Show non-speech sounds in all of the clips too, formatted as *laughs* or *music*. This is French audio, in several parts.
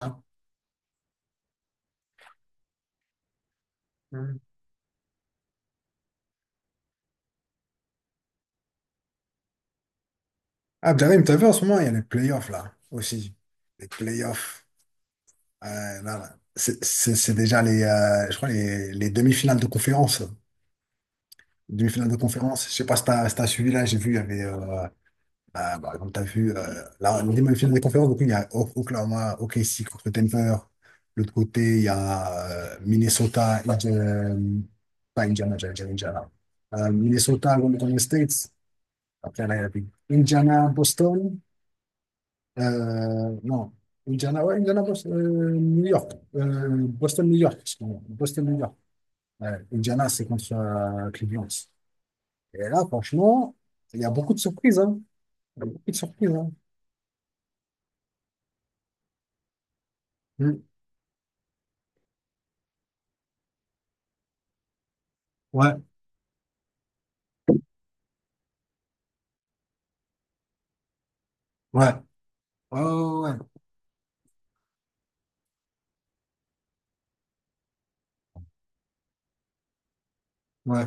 Hein. Mhm. Ah, Abderrahim, t'as vu en ce moment, il y a les playoffs là aussi. Les playoffs. Euh, Là, là. C'est déjà les, je crois les demi-finales de conférence. Demi-finales de conférence. Je sais pas si t'as suivi là, j'ai vu, il y avait, bah, comme t'as vu, là, les demi-finales de conférence, donc il y a Oklahoma, OKC contre Denver. L'autre côté, il y a Minnesota, pas Indiana, j'allais dire Indiana. Minnesota, Golden State. Après, là, il y avait Indiana, Boston. آه نعم إنديانا أو إنديانا بوست... آه نيويورك آه بوسton New York excusez-moi. Boston نيويورك Ouais, Indiana c'est contre Cleveland. Et là, franchement, il y a beaucoup de surprises, hein. Il y a beaucoup de surprises, hein. Hmm. Ouais, ouais, ouais, ouais, ouais, ouais.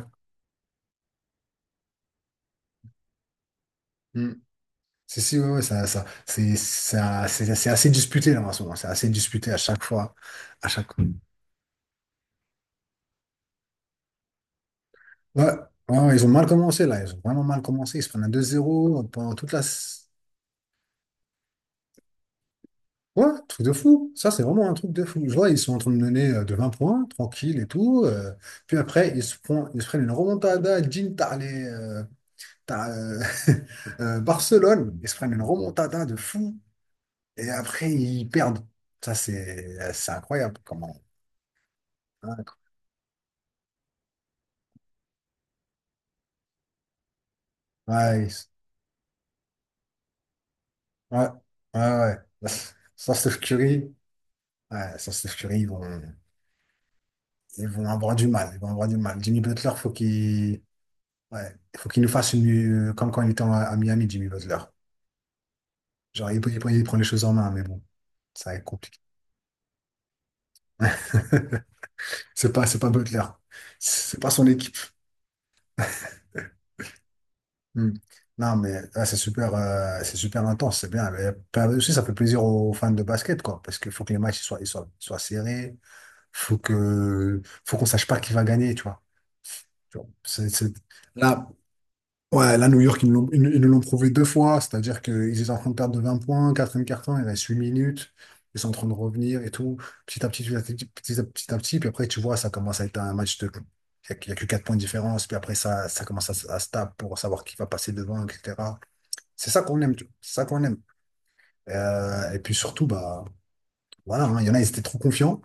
Hmm. c'est si ouais, ouais, ça c'est assez disputé là en ce moment, c'est assez disputé à chaque fois. À chaque ouais, ouais, ouais, ils ont mal commencé, là ils ont vraiment mal commencé, ils se prennent un 2-0 pendant toute la. Ouais, truc de fou. Ça, c'est vraiment un truc de fou. Je vois, ils sont en train de mener, de 20 points, tranquille et tout. Puis après, ils se prennent une remontada. Jim, t'as les, t'as, *laughs* Barcelone. Ils se prennent une remontada de fou. Et après, ils perdent. Ça, c'est incroyable. Comment. Incroyable. Ouais, ouais, ouais. Ouais. *laughs* Sans Steph Curry, ouais, sans Steph Curry, ils vont avoir du mal. Ils vont avoir du mal. Jimmy Butler, faut qu'il ouais, il faut qu'il nous fasse une, comme quand il était à Miami, Jimmy Butler. Genre, il prend les choses en main, mais bon, ça va être compliqué. *laughs* C'est pas Butler. C'est pas son équipe. Hmm. Non, mais là, c'est super intense, c'est bien. Mais, aussi, ça fait plaisir aux fans de basket, quoi, parce qu'il faut que les matchs ils soient serrés. Faut qu'on sache pas qui va gagner, tu vois. Tu vois. Là, Ouais, là, New York, ils nous l'ont prouvé deux fois, c'est-à-dire qu'ils étaient en train de perdre de 20 points, quatrième carton, il reste 8 minutes, ils sont en train de revenir et tout, petit à petit, petit à petit, petit à petit, puis après, tu vois, ça commence à être un match de. Il y a que 4 points de différence, puis après, ça commence à se taper pour savoir qui va passer devant, etc. C'est ça qu'on aime, tu vois, c'est ça qu'on aime. Et puis surtout, bah, voilà, hein, il y en a, ils étaient trop confiants.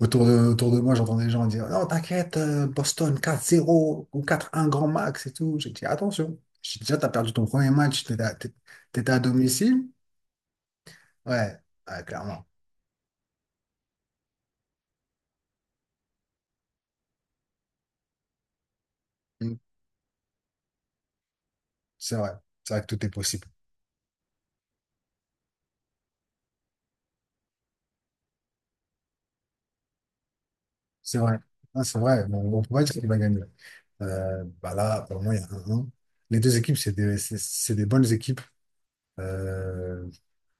Autour de moi, j'entends des gens dire non, t'inquiète, Boston 4-0 ou 4-1 grand max et tout. J'ai dit attention, j'ai dit, déjà, t'as perdu ton premier match, t'étais à domicile. Ouais, ouais, clairement. Mm. C'est vrai, c'est vrai que tout est possible. C'est vrai. Non, c'est vrai. Bon, on peut pas dire qu'il va gagner. Bah là, pour moi, il y a un 1. Les deux équipes, c'est des bonnes équipes. Euh,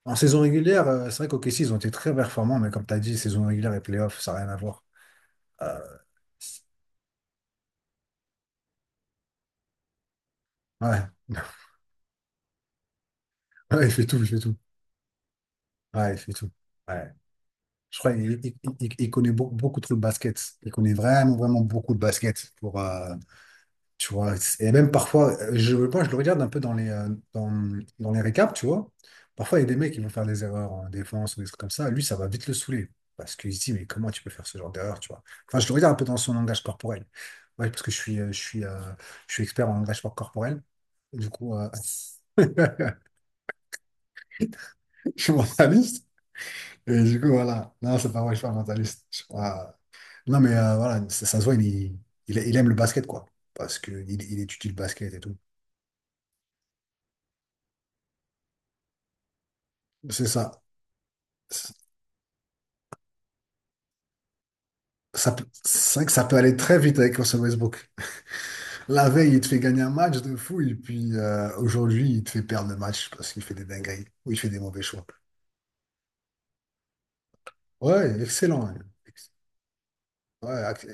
En saison régulière, c'est vrai qu'OKC, ils ont été très performants, mais comme t'as dit, saison régulière et playoff, ça n'a rien à voir. Euh, ouais. Ouais, il fait tout, il fait tout. Ouais, il fait tout. Ouais. Je crois qu'il il connaît beaucoup, trop le basket. Il connaît vraiment, vraiment beaucoup de basket, pour, tu vois. Et même parfois, moi, je le regarde un peu dans les récaps, tu vois. Parfois, il y a des mecs qui vont faire des erreurs en défense ou des trucs comme ça. Lui, ça va vite le saouler. Parce qu'il se dit, mais comment tu peux faire ce genre d'erreur, tu vois. Enfin, je le regarde un peu dans son langage corporel. Ouais, parce que je suis expert en langage corporel. Du coup, *laughs* je suis mentaliste. Et du coup, voilà. Non, c'est pas vrai, je suis pas mentaliste. Je suis pas- Non, mais voilà, ça se voit, il aime le basket, quoi. Parce qu'il il étudie le basket et tout. C'est ça. C'est- c'est vrai que ça peut aller très vite avec Russell Westbrook. La veille, il te fait gagner un match de fou, et puis aujourd'hui, il te fait perdre le match parce qu'il fait des dingueries ou il fait des mauvais choix. Ouais, excellent, hein. Ex- Ouais,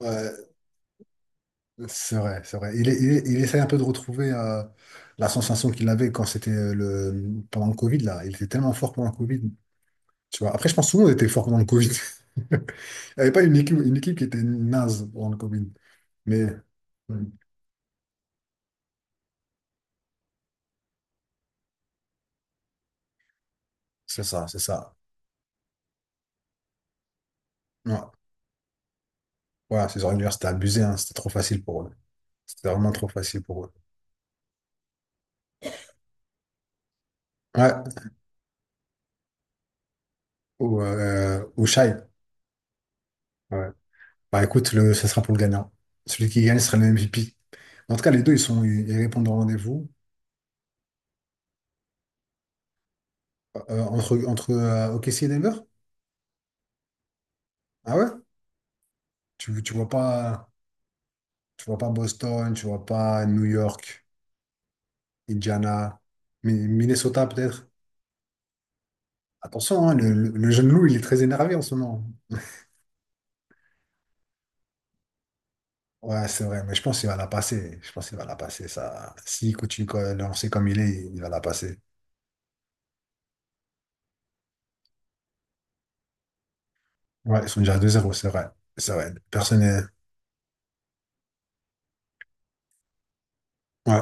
ouais. C'est vrai, c'est vrai. Il essaie un peu de retrouver, la sensation qu'il avait quand c'était, le pendant le Covid là. Il était tellement fort pendant le Covid. Tu vois. Après, je pense que tout le monde était fort pendant le Covid. *laughs* Il n'y avait pas une équipe qui était naze pendant le Covid. Mais mm, c'est ça, c'est ça. Ouais. Voilà, ces organisateurs, c'était abusé, hein. C'était trop facile pour eux. C'était vraiment trop facile pour eux. Ouais. Ou Shai. Ouais. Bah écoute, ça sera pour le gagnant. Celui qui gagne sera le MVP. En tout cas, les deux, ils sont, ils ils répondent au rendez-vous. Entre OKC et Denver? Ah ouais? Tu vois pas, tu vois pas Boston, tu vois pas New York, Indiana, Minnesota peut-être. Attention, hein, le jeune loup, il est très énervé en ce moment. Ouais, c'est vrai, mais je pense qu'il va la passer. Je pense qu'il va la passer, ça. S'il continue, de lancer comme il est, il va la passer. Ouais, ils sont déjà à 2-0, c'est vrai. C'est vrai. Personne n'est. Ouais.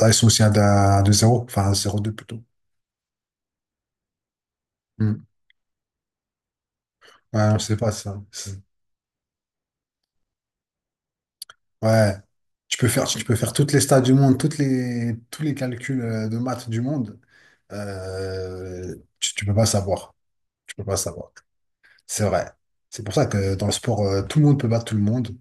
Ah, ils sont aussi à 2-0, enfin à 0-2 plutôt. Hmm. Ouais, on sait pas ça. Ouais, tu peux faire toutes les stats du monde, tous les calculs, de maths du monde. Tu peux pas savoir. Tu peux pas savoir. C'est vrai. C'est pour ça que dans le sport, tout le monde peut battre tout le monde.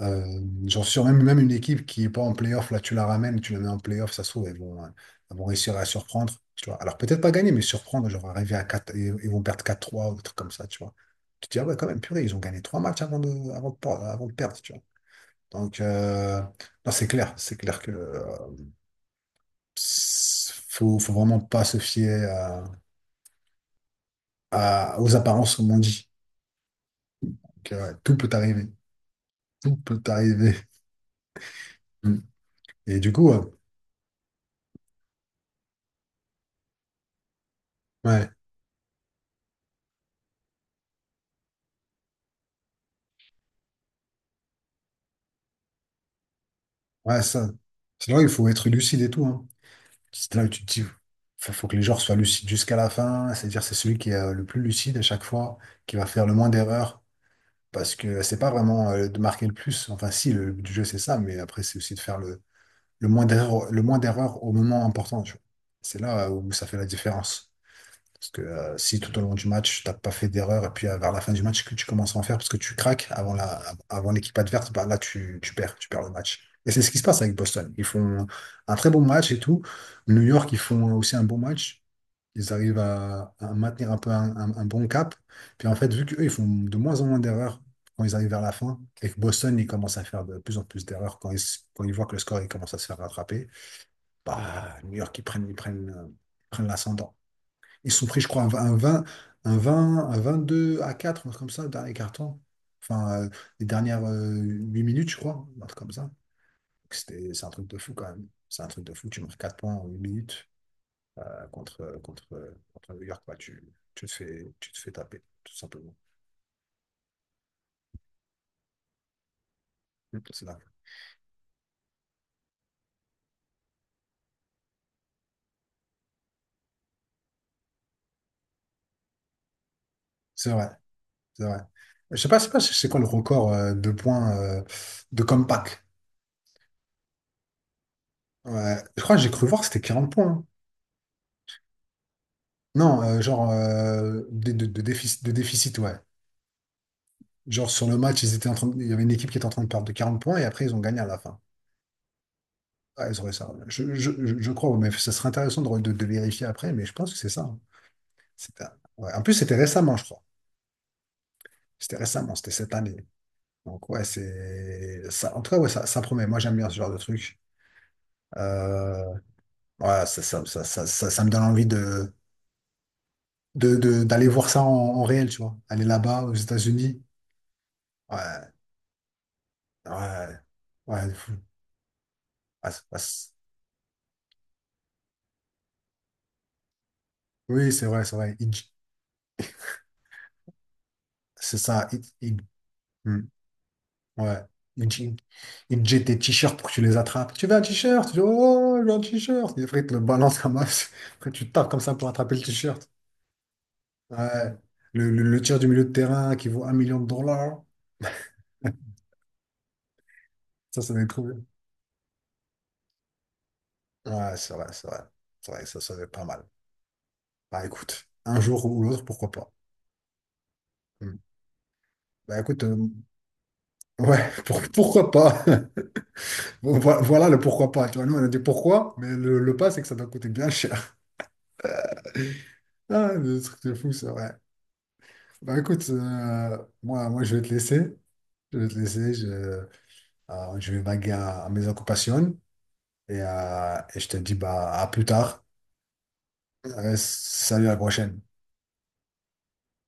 Euh, J'en suis sûr, même, même une équipe qui est pas en playoff, là, tu la ramènes, tu la mets en playoff, ça se trouve, elles vont réussir à surprendre. Tu vois. Alors peut-être pas gagner, mais surprendre, genre arriver à quatre, ils vont perdre 4-3 ou des trucs comme ça, tu vois. Tu te dis, ah ouais, quand même, purée, ils ont gagné trois matchs avant de perdre, tu vois. Donc, non, c'est clair que, faut vraiment pas se fier, aux apparences, comme on dit. Donc, ouais, tout peut arriver, tout peut arriver. Mm. Et du coup, ouais, ouais, ça, c'est là où il faut être lucide et tout, hein. C'est là où tu te dis, faut que les joueurs soient lucides jusqu'à la fin. C'est-à-dire, c'est celui qui est, le plus lucide à chaque fois, qui va faire le moins d'erreurs, parce que c'est pas vraiment, de marquer le plus. Enfin, si, le but du jeu c'est ça, mais après c'est aussi de faire le moins d'erreurs, le moins d'erreurs au moment important, tu vois. C'est là, où ça fait la différence. Parce que, si tout au long du match, tu n'as pas fait d'erreur, et puis, vers la fin du match, que tu commences à en faire parce que tu craques avant l'équipe adverse, bah, là, tu perds le match. Et c'est ce qui se passe avec Boston. Ils font un très bon match et tout. New York, ils font aussi un bon match. Ils arrivent à maintenir un peu un bon cap. Puis en fait, vu qu'eux, ils font de moins en moins d'erreurs quand ils arrivent vers la fin, et que Boston, ils commencent à faire de plus en plus d'erreurs quand ils voient que le score, il commence à se faire rattraper. Bah, New York, ils prennent l'ascendant. Ils sont pris, je crois, un, v- un 20 un 20 un 22 à quatre, un truc comme ça, dernier carton. Enfin, les dernières, 8 minutes, je crois, un truc comme ça. Donc, C'est un truc de fou quand même. C'est un truc de fou. Tu marques 4 points en 8 minutes, contre New York. Bah, tu te fais taper, tout simplement. Mm. C'est dingue. C'est vrai, c'est vrai. Je sais pas, c'est quoi le record, de points, de comeback. Ouais. Je crois que j'ai cru voir que c'était 40 points, hein. Non, genre, de déficit, ouais. Genre, sur le match, ils étaient il y avait une équipe qui était en train de perdre de 40 points et après ils ont gagné à la fin. Ah, ils auraient ça. Je crois, ouais, mais ça serait intéressant de vérifier après, mais je pense que c'est ça, hein. C'était- ouais. En plus, c'était récemment, je crois. C'était récemment, c'était cette année. Donc ouais, c'est ça. En tout cas, ouais, ça promet. Moi, j'aime bien ce genre de truc. Euh, ouais, ça me donne envie d'aller voir ça en réel, tu vois. Aller là-bas aux États-Unis. Ouais, ouais. Ouais. Ah, oui, c'est vrai, c'est vrai. C'est ça. Hmm, ouais. Il, il- il jette tes t-shirts pour que tu les attrapes. Tu veux un t-shirt? Tu dis, oh, je veux un t-shirt. Et après, il te le balance comme ça. *laughs* Après, tu tapes comme ça pour attraper le t-shirt. Ouais. Le tir du milieu de terrain qui vaut 1 million de dollars. Ça, ça va être cool. Ouais, c'est vrai, c'est vrai. C'est vrai, ça va être pas mal. Bah, écoute, un jour ou l'autre, pourquoi pas. Hmm. Bah, écoute, ouais, *laughs* pourquoi pas. *laughs* Bon, voilà le pourquoi pas. Tu vois, nous, on a dit pourquoi, mais le pas, c'est que ça doit coûter bien cher. *laughs* Ah, le truc de fou, ça, ouais. Bah écoute, moi, je vais te laisser. Je vais te laisser. Je vais vaguer à mes occupations, et je te dis bah, à plus tard. Salut, à la prochaine.